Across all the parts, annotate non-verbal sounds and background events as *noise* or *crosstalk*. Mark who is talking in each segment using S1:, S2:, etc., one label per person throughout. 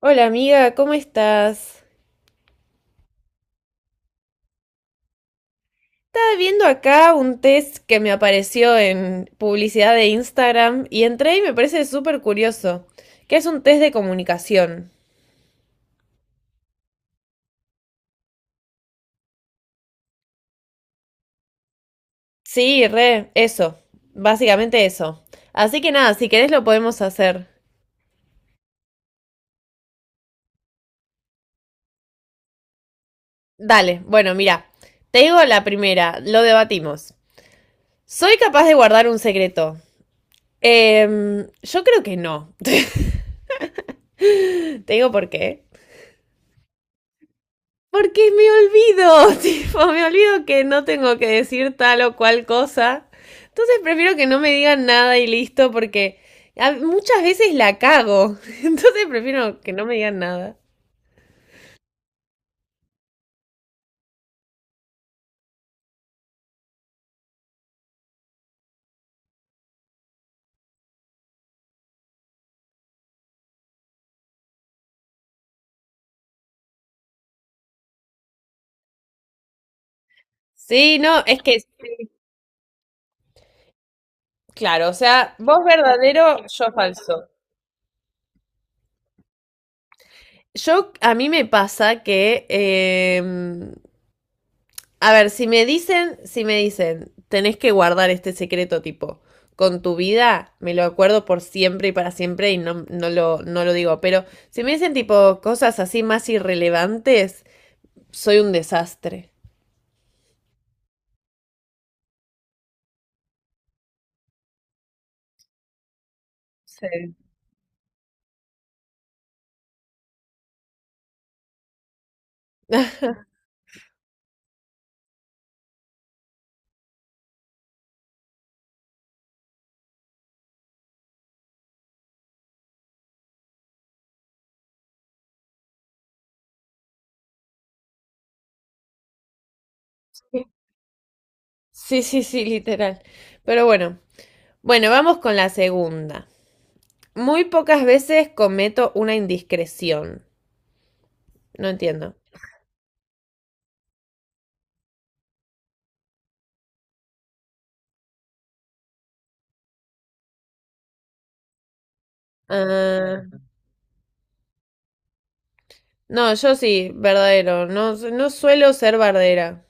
S1: Hola amiga, ¿cómo estás? Estaba viendo acá un test que me apareció en publicidad de Instagram y entré y me parece súper curioso, que es un test de comunicación. Sí, re, eso, básicamente eso. Así que nada, si querés lo podemos hacer. Dale, bueno, mira, te digo la primera, lo debatimos. ¿Soy capaz de guardar un secreto? Yo creo que no. *laughs* Te digo por qué. Porque me olvido, *laughs* tipo, me olvido que no tengo que decir tal o cual cosa. Entonces prefiero que no me digan nada y listo, porque muchas veces la cago. *laughs* Entonces prefiero que no me digan nada. Sí, no, es que, claro, o sea, vos verdadero, yo falso. A mí me pasa que, a ver, si me dicen, tenés que guardar este secreto tipo con tu vida, me lo acuerdo por siempre y para siempre y no lo digo, pero si me dicen tipo cosas así más irrelevantes, soy un desastre. Sí. *laughs* Sí, sí, sí, literal. Pero bueno, bueno, vamos con la segunda. Muy pocas veces cometo una indiscreción. No entiendo. Ah, no, yo sí, verdadero. No, no suelo ser bardera.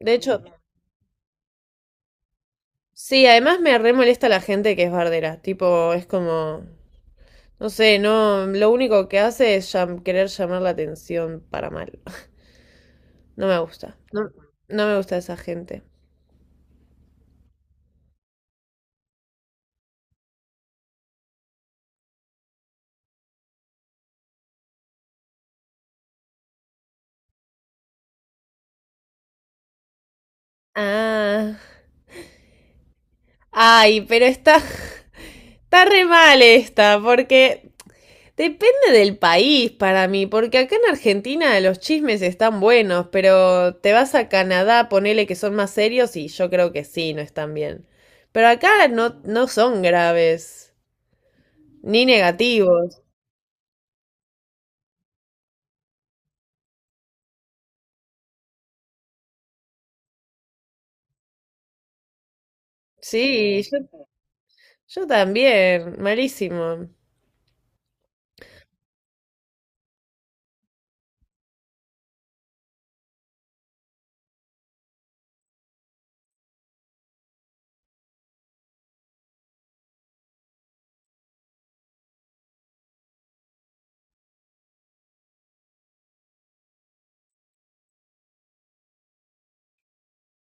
S1: De hecho, sí, además me re molesta la gente que es bardera. Tipo, es como, no sé, no, lo único que hace es querer llamar la atención para mal. *laughs* No me gusta. No, no me gusta esa gente. Ah. Ay, pero *laughs* está re mal esta, porque depende del país para mí, porque acá en Argentina los chismes están buenos, pero te vas a Canadá, ponele que son más serios y yo creo que sí, no están bien. Pero acá no, no son graves, ni negativos. Sí, yo también, malísimo.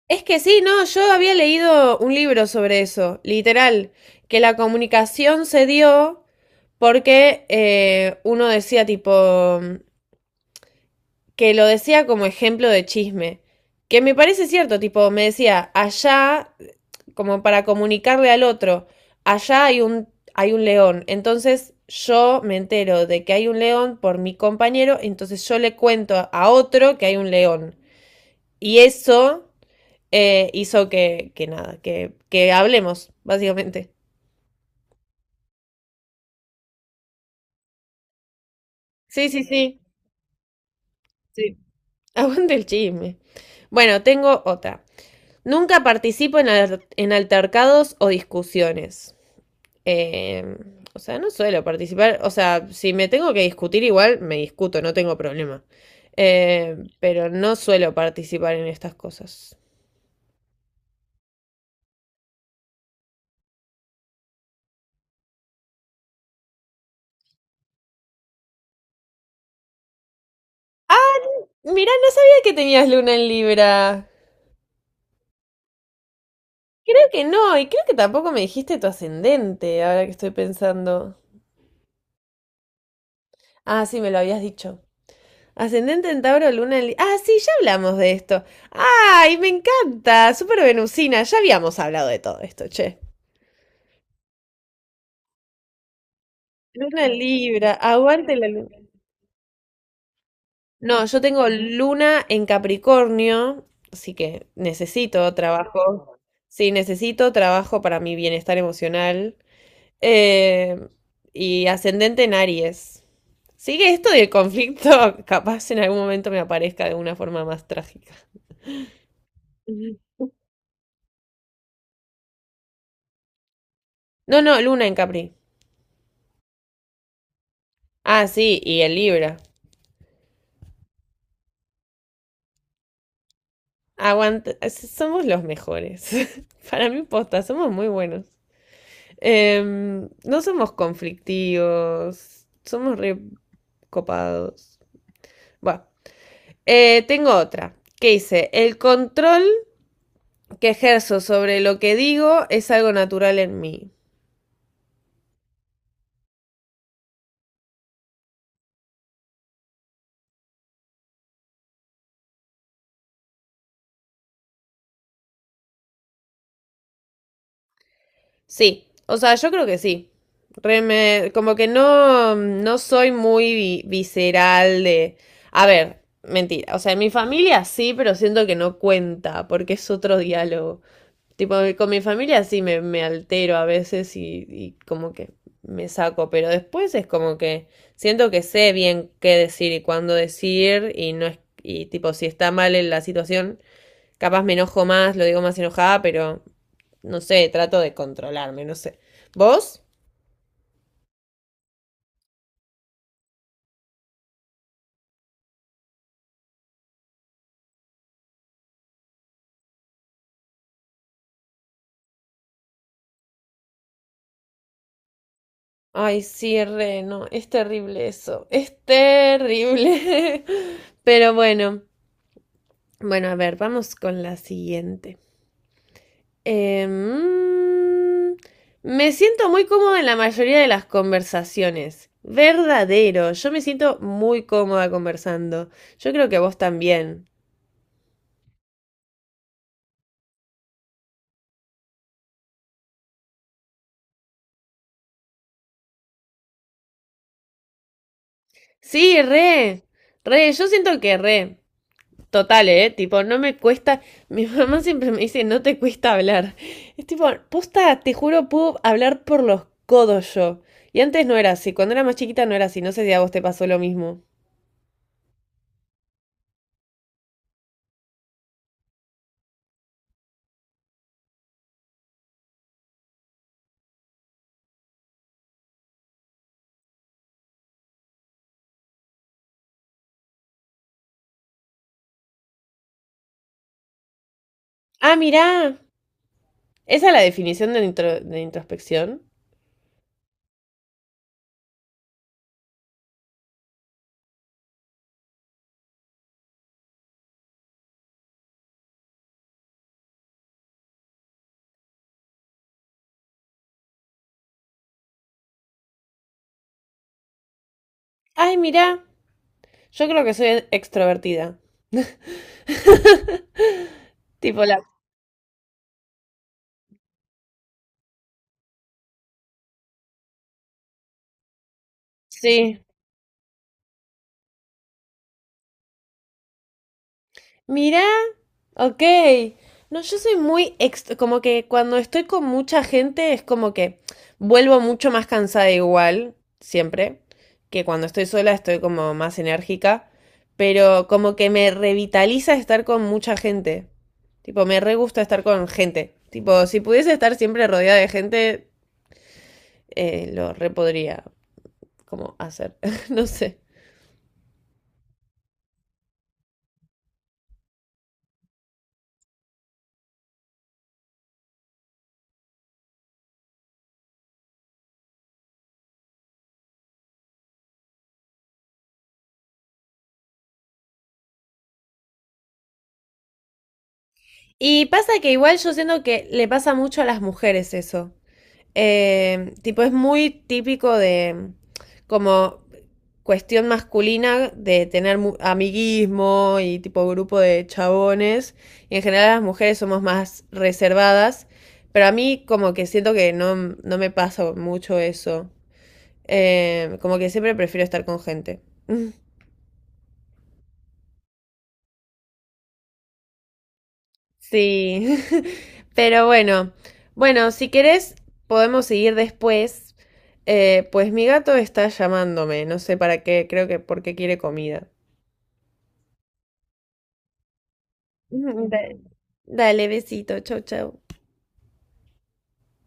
S1: Es que sí, no, yo había leído un libro sobre eso, literal, que la comunicación se dio porque uno decía tipo, que lo decía como ejemplo de chisme, que me parece cierto, tipo, me decía, allá, como para comunicarle al otro, allá hay un león, entonces yo me entero de que hay un león por mi compañero, entonces yo le cuento a otro que hay un león. Y eso hizo que, que nada, que hablemos, básicamente. Sí, sí, sí, sí. *laughs* Aguante el chisme. Bueno, tengo otra. Nunca participo en altercados o discusiones. Eh, o sea, no suelo participar. O sea, si me tengo que discutir igual, me discuto, no tengo problema. Pero no suelo participar en estas cosas. Mirá, no sabía que tenías luna en Libra. Creo que no, y creo que tampoco me dijiste tu ascendente, ahora que estoy pensando. Ah, sí, me lo habías dicho. Ascendente en Tauro, Luna en. Ah, sí, ya hablamos de esto. ¡Ay, me encanta! Súper venusina. Ya habíamos hablado de todo esto, che. Luna en Libra, aguante la luna. No, yo tengo luna en Capricornio, así que necesito trabajo. Sí, necesito trabajo para mi bienestar emocional. Eh, y ascendente en Aries. Sigue esto del conflicto, *laughs* capaz en algún momento me aparezca de una forma más trágica. *laughs* No, no, Luna en Capri. Ah, sí, y el Libra. Somos los mejores. *laughs* Para mí, posta, somos muy buenos. No somos conflictivos, somos re copados. Bueno, tengo otra que dice, el control que ejerzo sobre lo que digo es algo natural en mí. Sí, o sea, yo creo que sí. Como que no, no soy muy visceral de. A ver, mentira. O sea, en mi familia sí, pero siento que no cuenta, porque es otro diálogo. Tipo, con mi familia sí me altero a veces y como que me saco, pero después es como que siento que sé bien qué decir y cuándo decir y no es. Y tipo, si está mal en la situación, capaz me enojo más, lo digo más enojada, pero. No sé, trato de controlarme, no sé. ¿Vos? Ay, sí, re, no, es terrible eso, es terrible. *laughs* Pero bueno, bueno, a ver, vamos con la siguiente. Em, Me siento muy cómoda en la mayoría de las conversaciones. Verdadero, yo me siento muy cómoda conversando. Yo creo que vos también. Sí, re, re, yo siento que re. Total, ¿eh? Tipo, no me cuesta. Mi mamá siempre me dice, no te cuesta hablar. Es tipo, posta, te juro, puedo hablar por los codos yo. Y antes no era así. Cuando era más chiquita no era así. No sé si a vos te pasó lo mismo. Ah, mirá. Esa es la definición de introspección. Ay, mirá. Yo creo que soy extrovertida. *laughs* Tipo la. Sí. Mira, ok. No, yo soy muy como que cuando estoy con mucha gente es como que vuelvo mucho más cansada igual, siempre, que cuando estoy sola estoy como más enérgica, pero como que me revitaliza estar con mucha gente. Tipo, me re gusta estar con gente. Tipo, si pudiese estar siempre rodeada de gente, lo re podría como hacer. *laughs* No sé. Y pasa que igual yo siento que le pasa mucho a las mujeres eso. Tipo, es muy típico de como cuestión masculina de tener amiguismo y tipo grupo de chabones. Y en general las mujeres somos más reservadas, pero a mí como que siento que no me pasa mucho eso. Como que siempre prefiero estar con gente. *laughs* Sí, *laughs* pero bueno, bueno, si querés podemos seguir después. Pues mi gato está llamándome, no sé para qué, creo que porque quiere comida. Dale. Dale, besito, chau, chau.